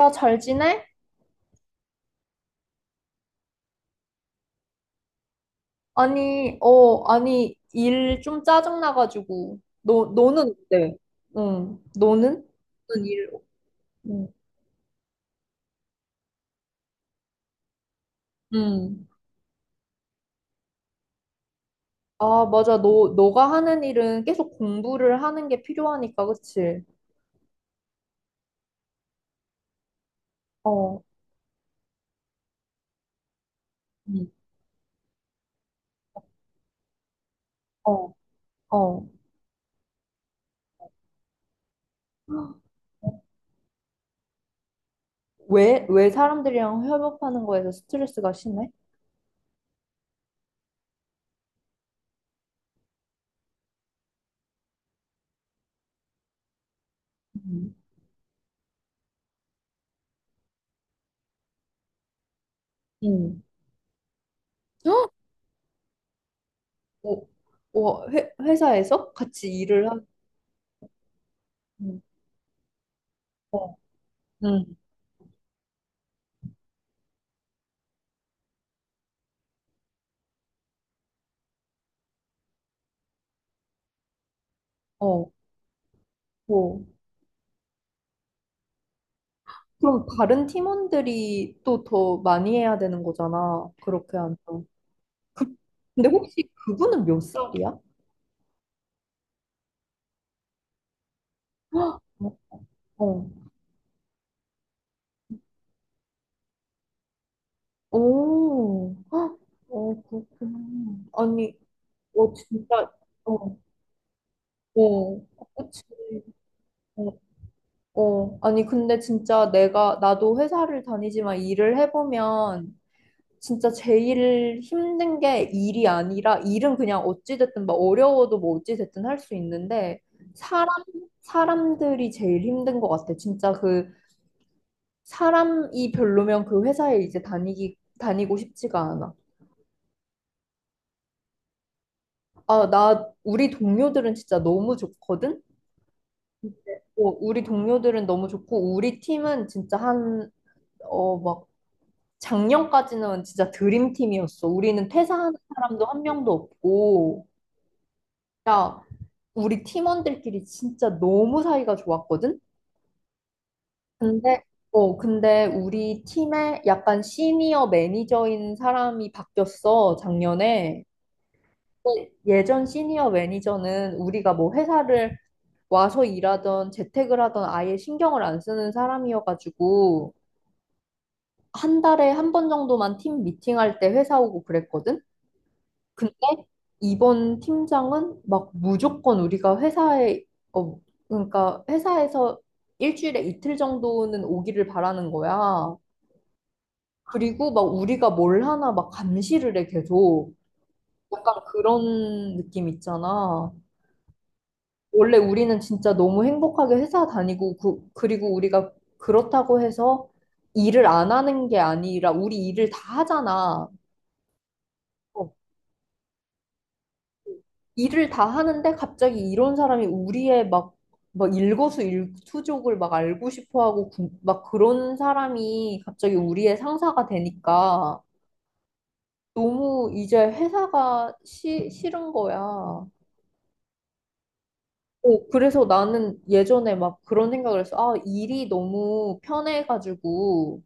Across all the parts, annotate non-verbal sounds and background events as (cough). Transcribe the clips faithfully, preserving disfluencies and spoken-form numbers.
야, 잘 지내? 아니, 어, 아니, 일 좀 짜증나가지고. 너, 너는 어때? 응, 너는? 너는 일, 응. 응. 아, 맞아. 너, 너가 하는 일은 계속 공부를 하는 게 필요하니까, 그치? 어, 응. 어, 어. 왜, 왜 사람들이랑 협업하는 거에서 스트레스가 심해? 응. 응. 헉! 어, 어, 회, 회사에서 같이 일을 하, 응. 어, 응. 어, 어. 그럼 다른 팀원들이 또 더 많이 해야 되는 거잖아. 그렇게 하면. 근데 혹시 그분은 몇 살이야? 어. 어. 오. 헉, 어, 그렇구나. 아니, 어, 진짜, 어, 어, 그치. 어, 어. 아니, 근데 진짜 내가, 나도 회사를 다니지만 일을 해보면 진짜 제일 힘든 게 일이 아니라 일은 그냥 어찌됐든 막 어려워도 뭐 어찌됐든 할 수 있는데 사람 사람들이 제일 힘든 것 같아. 진짜 그 사람이 별로면 그 회사에 이제 다니기 다니고 싶지가 않아. 아, 나 우리 동료들은 진짜 너무 좋거든. 근데, 어, 우리 동료들은 너무 좋고 우리 팀은 진짜 한 어 막 작년까지는 진짜 드림팀이었어. 우리는 퇴사하는 사람도 한 명도 없고. 야, 우리 팀원들끼리 진짜 너무 사이가 좋았거든? 근데, 어, 근데 우리 팀에 약간 시니어 매니저인 사람이 바뀌었어, 작년에. 근데 예전 시니어 매니저는 우리가 뭐 회사를 와서 일하던 재택을 하던 아예 신경을 안 쓰는 사람이어가지고 한 달에 한 번 정도만 팀 미팅할 때 회사 오고 그랬거든? 근데 이번 팀장은 막 무조건 우리가 회사에 어 그러니까 회사에서 일주일에 이틀 정도는 오기를 바라는 거야. 그리고 막 우리가 뭘 하나 막 감시를 해 계속. 약간 그런 느낌 있잖아. 원래 우리는 진짜 너무 행복하게 회사 다니고 그, 그리고 우리가 그렇다고 해서 일을 안 하는 게 아니라 우리 일을 다 하잖아. 어, 일을 다 하는데 갑자기 이런 사람이 우리의 막, 막 일거수일투족을 막 알고 싶어 하고 구- 막 그런 사람이 갑자기 우리의 상사가 되니까 너무 이제 회사가 시, 싫은 거야. 어, 그래서 나는 예전에 막 그런 생각을 했어. 아, 일이 너무 편해가지고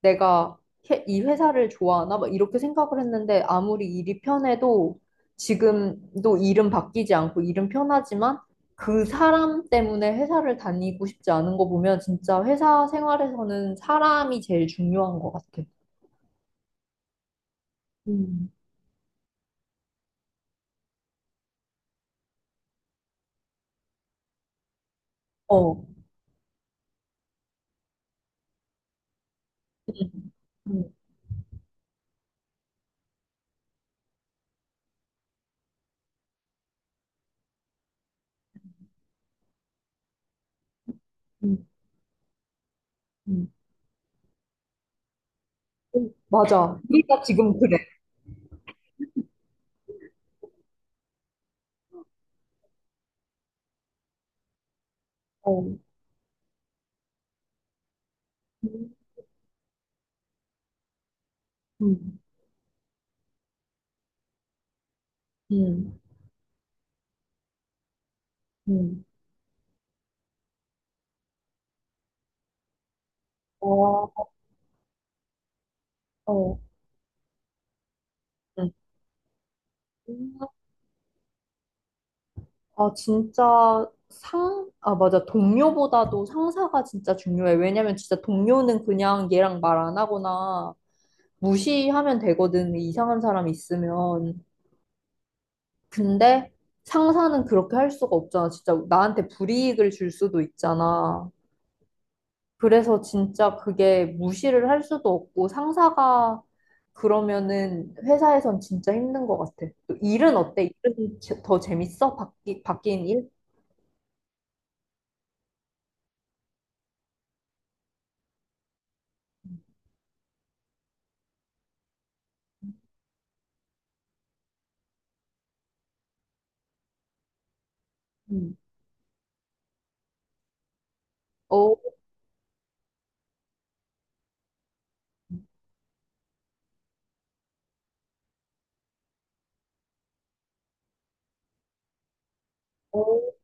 내가 해- 이 회사를 좋아하나? 막 이렇게 생각을 했는데 아무리 일이 편해도 지금도 일은 바뀌지 않고 일은 편하지만 그 사람 때문에 회사를 다니고 싶지 않은 거 보면 진짜 회사 생활에서는 사람이 제일 중요한 것 같아. 음, 어, 음, 음, 음. 음, 맞아. 우리가 지금 그래. 어, 음, 음, 음. 음. 어, 어. 음. 아, 진짜 상, 아, 맞아. 동료보다도 상사가 진짜 중요해. 왜냐면 진짜 동료는 그냥 얘랑 말 안 하거나 무시하면 되거든. 이상한 사람 있으면. 근데 상사는 그렇게 할 수가 없잖아. 진짜 나한테 불이익을 줄 수도 있잖아. 그래서 진짜 그게 무시를 할 수도 없고 상사가 그러면은 회사에선 진짜 힘든 것 같아. 또 일은 어때? 일은 제- 더 재밌어? 바뀌, 바뀐 일? 음. 어, 어,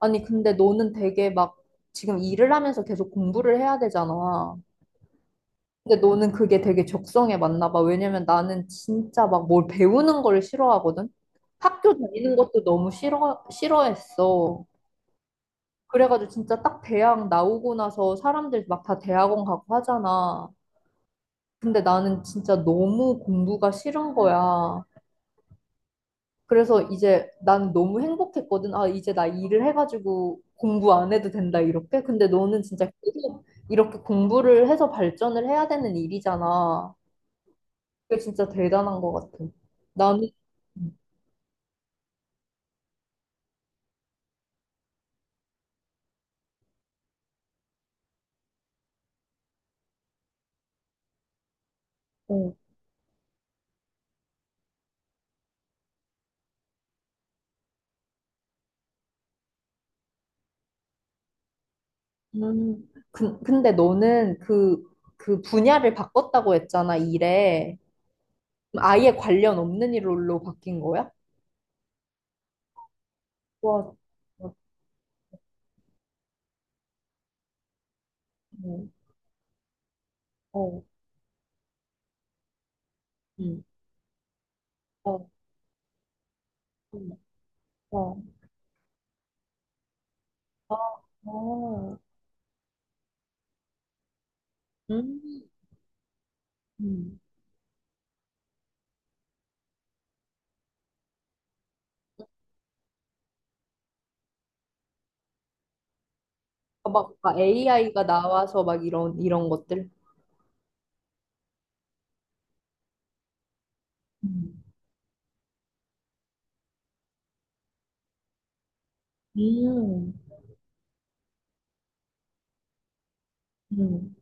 아니, 근데 너는 되게 막 지금 일을 하면서 계속 공부를 해야 되잖아. 근데 너는 그게 되게 적성에 맞나 봐. 왜냐면 나는 진짜 막 뭘 배우는 걸 싫어하거든. 학교 다니는 것도 너무 싫어, 싫어했어. 그래가지고 진짜 딱 대학 나오고 나서 사람들 막 다 대학원 가고 하잖아. 근데 나는 진짜 너무 공부가 싫은 거야. 그래서 이제 난 너무 행복했거든. 아, 이제 나 일을 해가지고 공부 안 해도 된다, 이렇게. 근데 너는 진짜 계속 이렇게 공부를 해서 발전을 해야 되는 일이잖아. 그게 진짜 대단한 것 같아. 나는, 어, 음, 그, 근데 너는 그, 그, 분야를 바꿨다고 했잖아, 일에. 그럼 아예 관련 없는 일로 바뀐 거야? 와, 어, 어, 음, 어, 음, 어, 어, 어, 음, 음. 어, 막 에이아이가 나와서 막 이런 이런 것들. 음, 음, 음.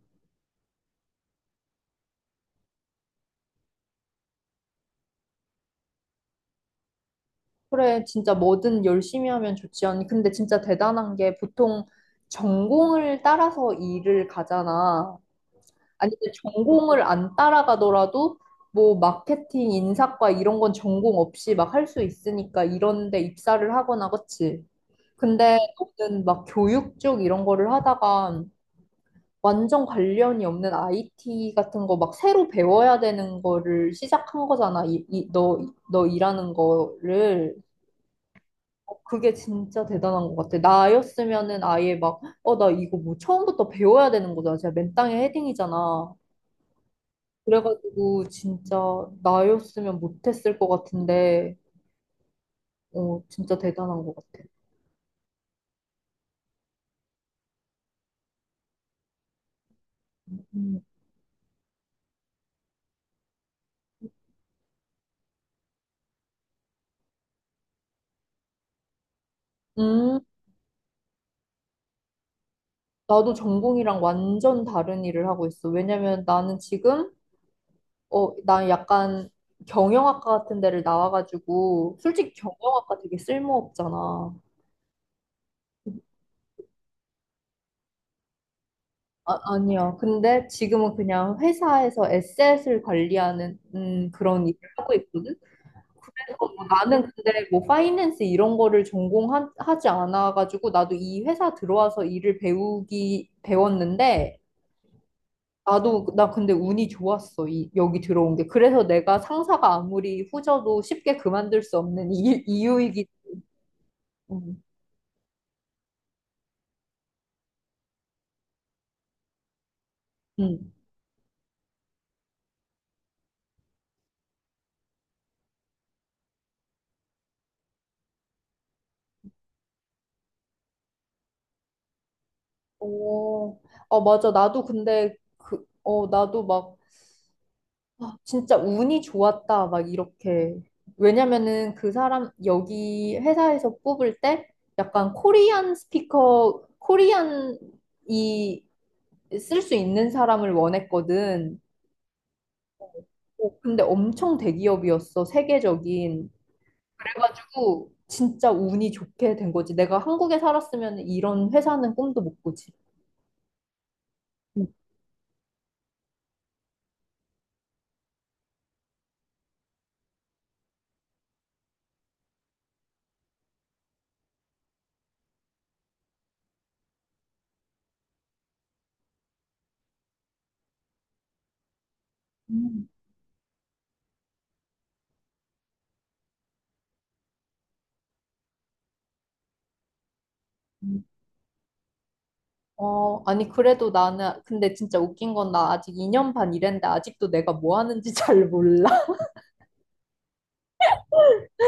그래, 진짜 뭐든 열심히 하면 좋지 않니? 근데 진짜 대단한 게 보통 전공을 따라서 일을 가잖아. 아니, 근데 전공을 안 따라가더라도 뭐 마케팅, 인사과 이런 건 전공 없이 막 할 수 있으니까 이런 데 입사를 하거나, 그치? 근데 너는 막 교육 쪽 이런 거를 하다가 완전 관련이 없는 아이티 같은 거 막 새로 배워야 되는 거를 시작한 거잖아. 이, 이, 너, 너 일하는 거를. 어, 그게 진짜 대단한 것 같아. 나였으면은 아예 막, 어, 나 이거 뭐 처음부터 배워야 되는 거잖아. 진짜 맨 땅에 헤딩이잖아. 그래가지고 진짜 나였으면 못했을 것 같은데, 어, 진짜 대단한 것 같아. 음, 음, 나도 전공이랑 완전 다른 일을 하고 있어. 왜냐면 나는 지금 어, 난 약간 경영학과 같은 데를 나와가지고, 솔직히 경영학과 되게 쓸모없잖아. 아, 아니야. 근데 지금은 그냥 회사에서 에셋을 관리하는 음, 그런 일을 하고 있거든. 그래서 뭐 나는 근데 뭐 파이낸스 이런 거를 전공하지 않아가지고 나도 이 회사 들어와서 일을 배우기 배웠는데 나도 나 근데 운이 좋았어 이, 여기 들어온 게 그래서 내가 상사가 아무리 후져도 쉽게 그만둘 수 없는 이, 이유이기. 응. 오, 아, 맞아. 나도 근데 그, 어, 나도 막, 아, 진짜 운이 좋았다. 막 이렇게. 왜냐면은 그 사람, 여기 회사에서 뽑을 때 약간 코리안 스피커, 코리안이 쓸 수 있는 사람을 원했거든. 어, 근데 엄청 대기업이었어. 세계적인. 그래가지고 진짜 운이 좋게 된 거지. 내가 한국에 살았으면 이런 회사는 꿈도 못 꾸지. 음. 어, 아니, 그래도 나는, 근데 진짜 웃긴 건 나 아직 이 년 반 일했는데 아직도 내가 뭐 하는지 잘 몰라.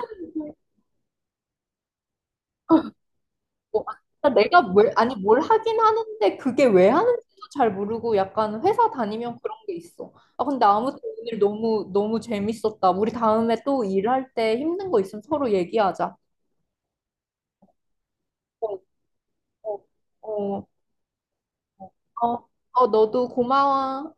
(laughs) 어, 아, 내가 뭘, 아니, 뭘 하긴 하는데 그게 왜 하는지도 잘 모르고 약간 회사 다니면 그런 게 있어. 아, 근데 아무튼 오늘 너무, 너무 재밌었다. 우리 다음에 또 일할 때 힘든 거 있으면 서로 얘기하자. 어, 어, 어, 어, 어, 너도 고마워.